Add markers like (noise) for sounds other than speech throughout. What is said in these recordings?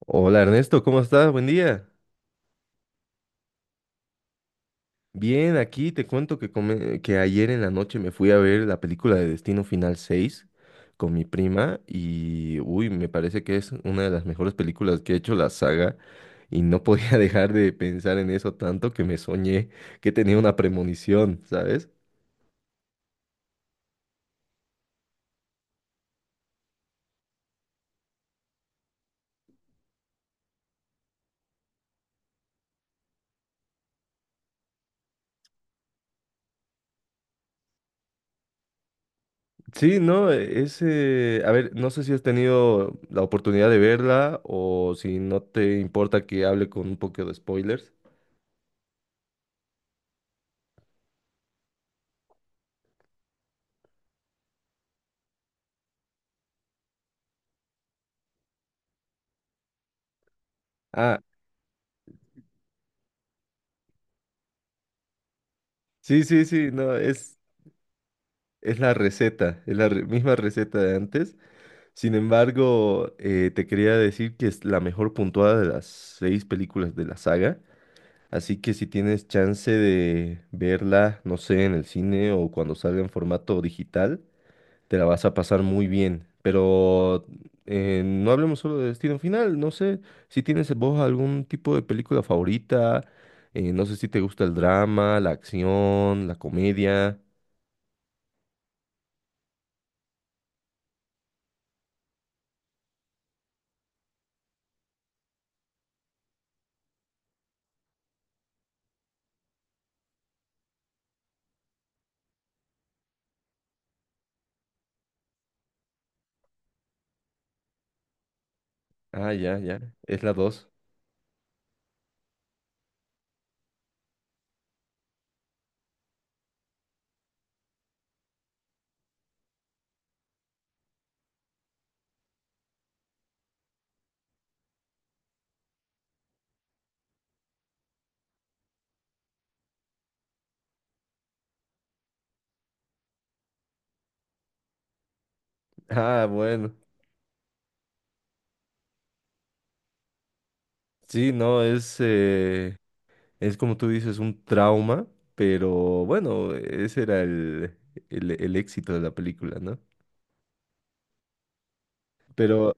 Hola Ernesto, ¿cómo estás? Buen día. Bien, aquí te cuento que, que ayer en la noche me fui a ver la película de Destino Final 6 con mi prima y, uy, me parece que es una de las mejores películas que ha hecho la saga y no podía (laughs) dejar de pensar en eso tanto que me soñé que tenía una premonición, ¿sabes? Sí, no, a ver, no sé si has tenido la oportunidad de verla o si no te importa que hable con un poco de spoilers. Ah, sí, sí, sí, no, es... Es la receta, misma receta de antes. Sin embargo, te quería decir que es la mejor puntuada de las seis películas de la saga. Así que si tienes chance de verla, no sé, en el cine o cuando salga en formato digital, te la vas a pasar muy bien. Pero no hablemos solo de Destino Final, no sé si tienes vos algún tipo de película favorita, no sé si te gusta el drama, la acción, la comedia. Ah, ya, ya, es la dos. Ah, bueno. Sí, no, es como tú dices, un trauma, pero bueno, ese era el éxito de la película, ¿no? Pero,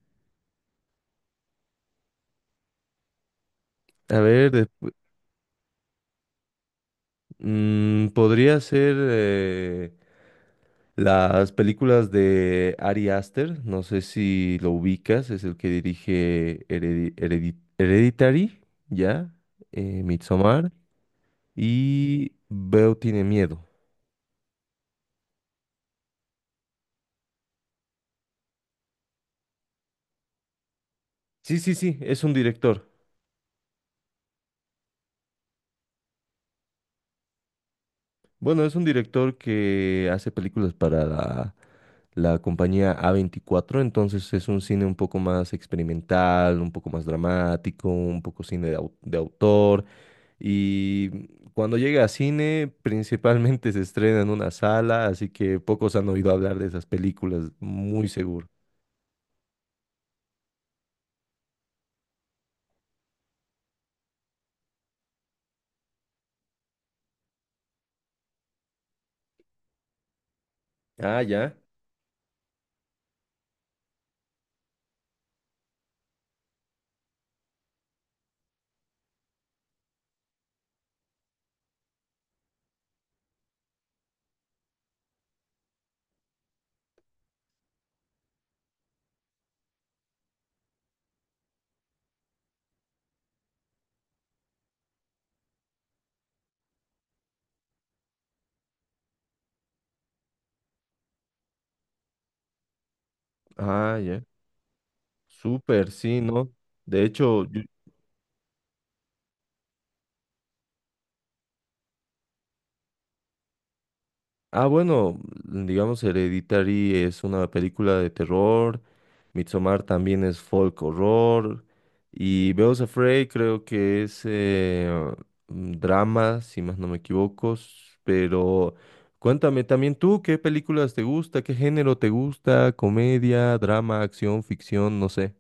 a ver, podría ser las películas de Ari Aster, no sé si lo ubicas, es el que dirige Hereditary, ¿ya? Midsommar y Veo tiene miedo. Sí, sí, sí, es un director. Bueno, es un director que hace películas para la compañía A24, entonces es un cine un poco más experimental, un poco más dramático, un poco cine de, de autor. Y cuando llega a cine, principalmente se estrena en una sala, así que pocos han oído hablar de esas películas, muy seguro. Ah, ya. Ah, ya. Súper, sí, ¿no? De hecho, yo, Ah, bueno, digamos Hereditary es una película de terror, Midsommar también es folk horror y Beos Afraid creo que es drama, si más no me equivoco, pero cuéntame también tú, ¿qué películas te gusta? ¿Qué género te gusta? ¿Comedia, drama, acción, ficción? No sé.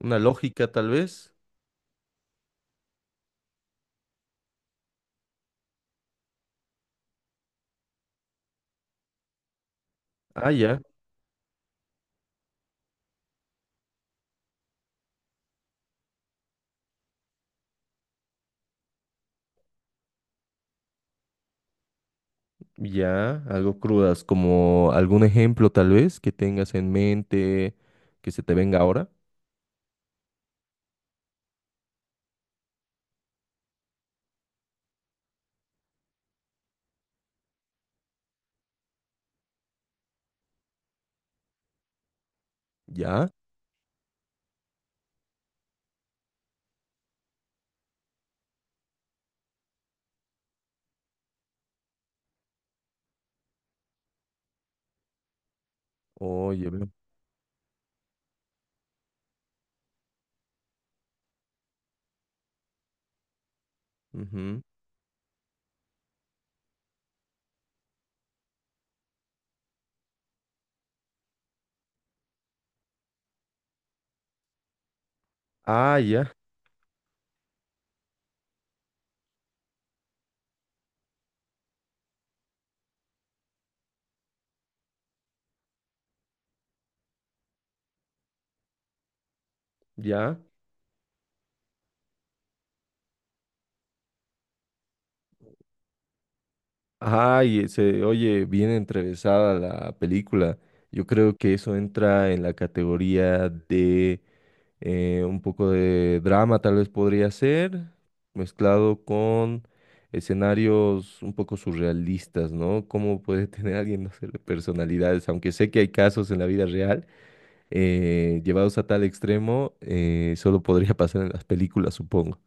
¿Una lógica tal vez? Ah, ya, ya, algo crudas, como algún ejemplo tal vez que tengas en mente que se te venga ahora. Ya. Oye, ve. Ujú. Ah, ya, ya. Ay, se oye bien entrevesada la película. Yo creo que eso entra en la categoría de un poco de drama, tal vez podría ser, mezclado con escenarios un poco surrealistas, ¿no? ¿Cómo puede (laughs) tener alguien, no sé, personalidades? Aunque sé que hay casos en la vida real, llevados a tal extremo, solo podría (laughs) pasar en las películas, supongo.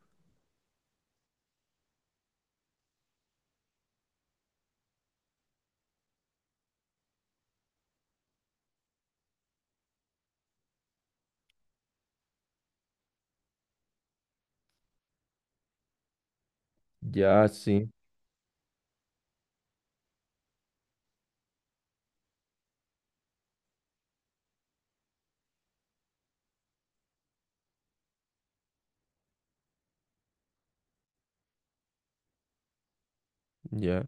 Ya, sí. Ya.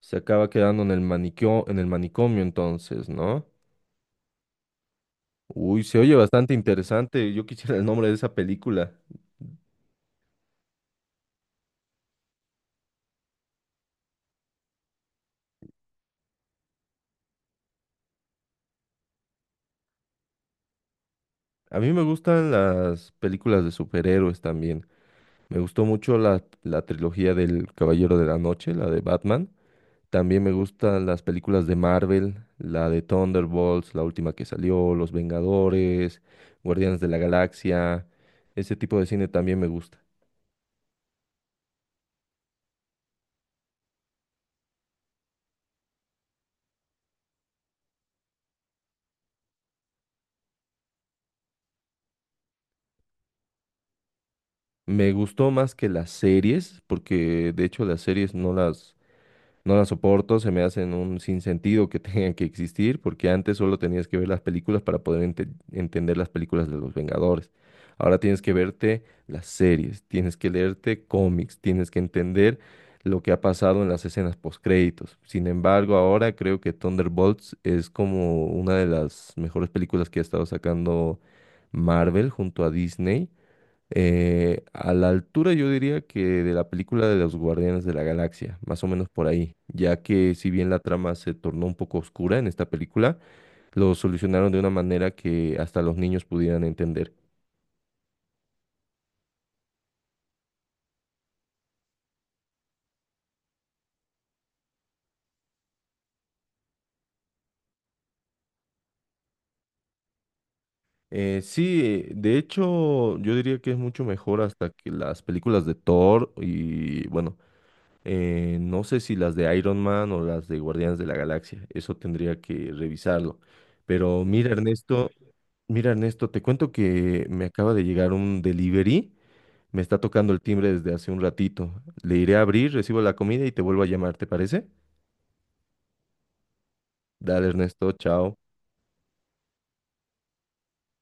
Se acaba quedando en el maniquio, en el manicomio entonces, ¿no? Uy, se oye bastante interesante. Yo quisiera el nombre de esa película. A mí me gustan las películas de superhéroes también. Me gustó mucho la trilogía del Caballero de la Noche, la de Batman. También me gustan las películas de Marvel, la de Thunderbolts, la última que salió, Los Vengadores, Guardianes de la Galaxia. Ese tipo de cine también me gusta. Me gustó más que las series, porque de hecho las series no las, no las soporto, se me hacen un sinsentido que (laughs) tengan que existir, porque antes solo tenías que ver las películas para poder entender las películas de los Vengadores. Ahora tienes que verte las series, tienes que leerte cómics, tienes que entender lo que ha pasado en las escenas postcréditos. Sin embargo, ahora creo que Thunderbolts es como una de las mejores películas que ha estado sacando Marvel junto a Disney. A la altura yo diría que de la película de los Guardianes de la Galaxia, más o menos por ahí, ya que si bien la trama se tornó un poco oscura en esta película, lo solucionaron de una manera que hasta los niños pudieran entender. Sí, de hecho yo diría que es mucho mejor hasta que las películas de Thor y bueno, no sé si las de Iron Man o las de Guardianes de la Galaxia, eso tendría que revisarlo. Pero mira, Ernesto. Mira, Ernesto, te cuento que me acaba de llegar un delivery. Me está tocando el timbre desde hace un ratito. Le iré a abrir, recibo la comida y te vuelvo a llamar, ¿te parece? Dale, Ernesto, chao.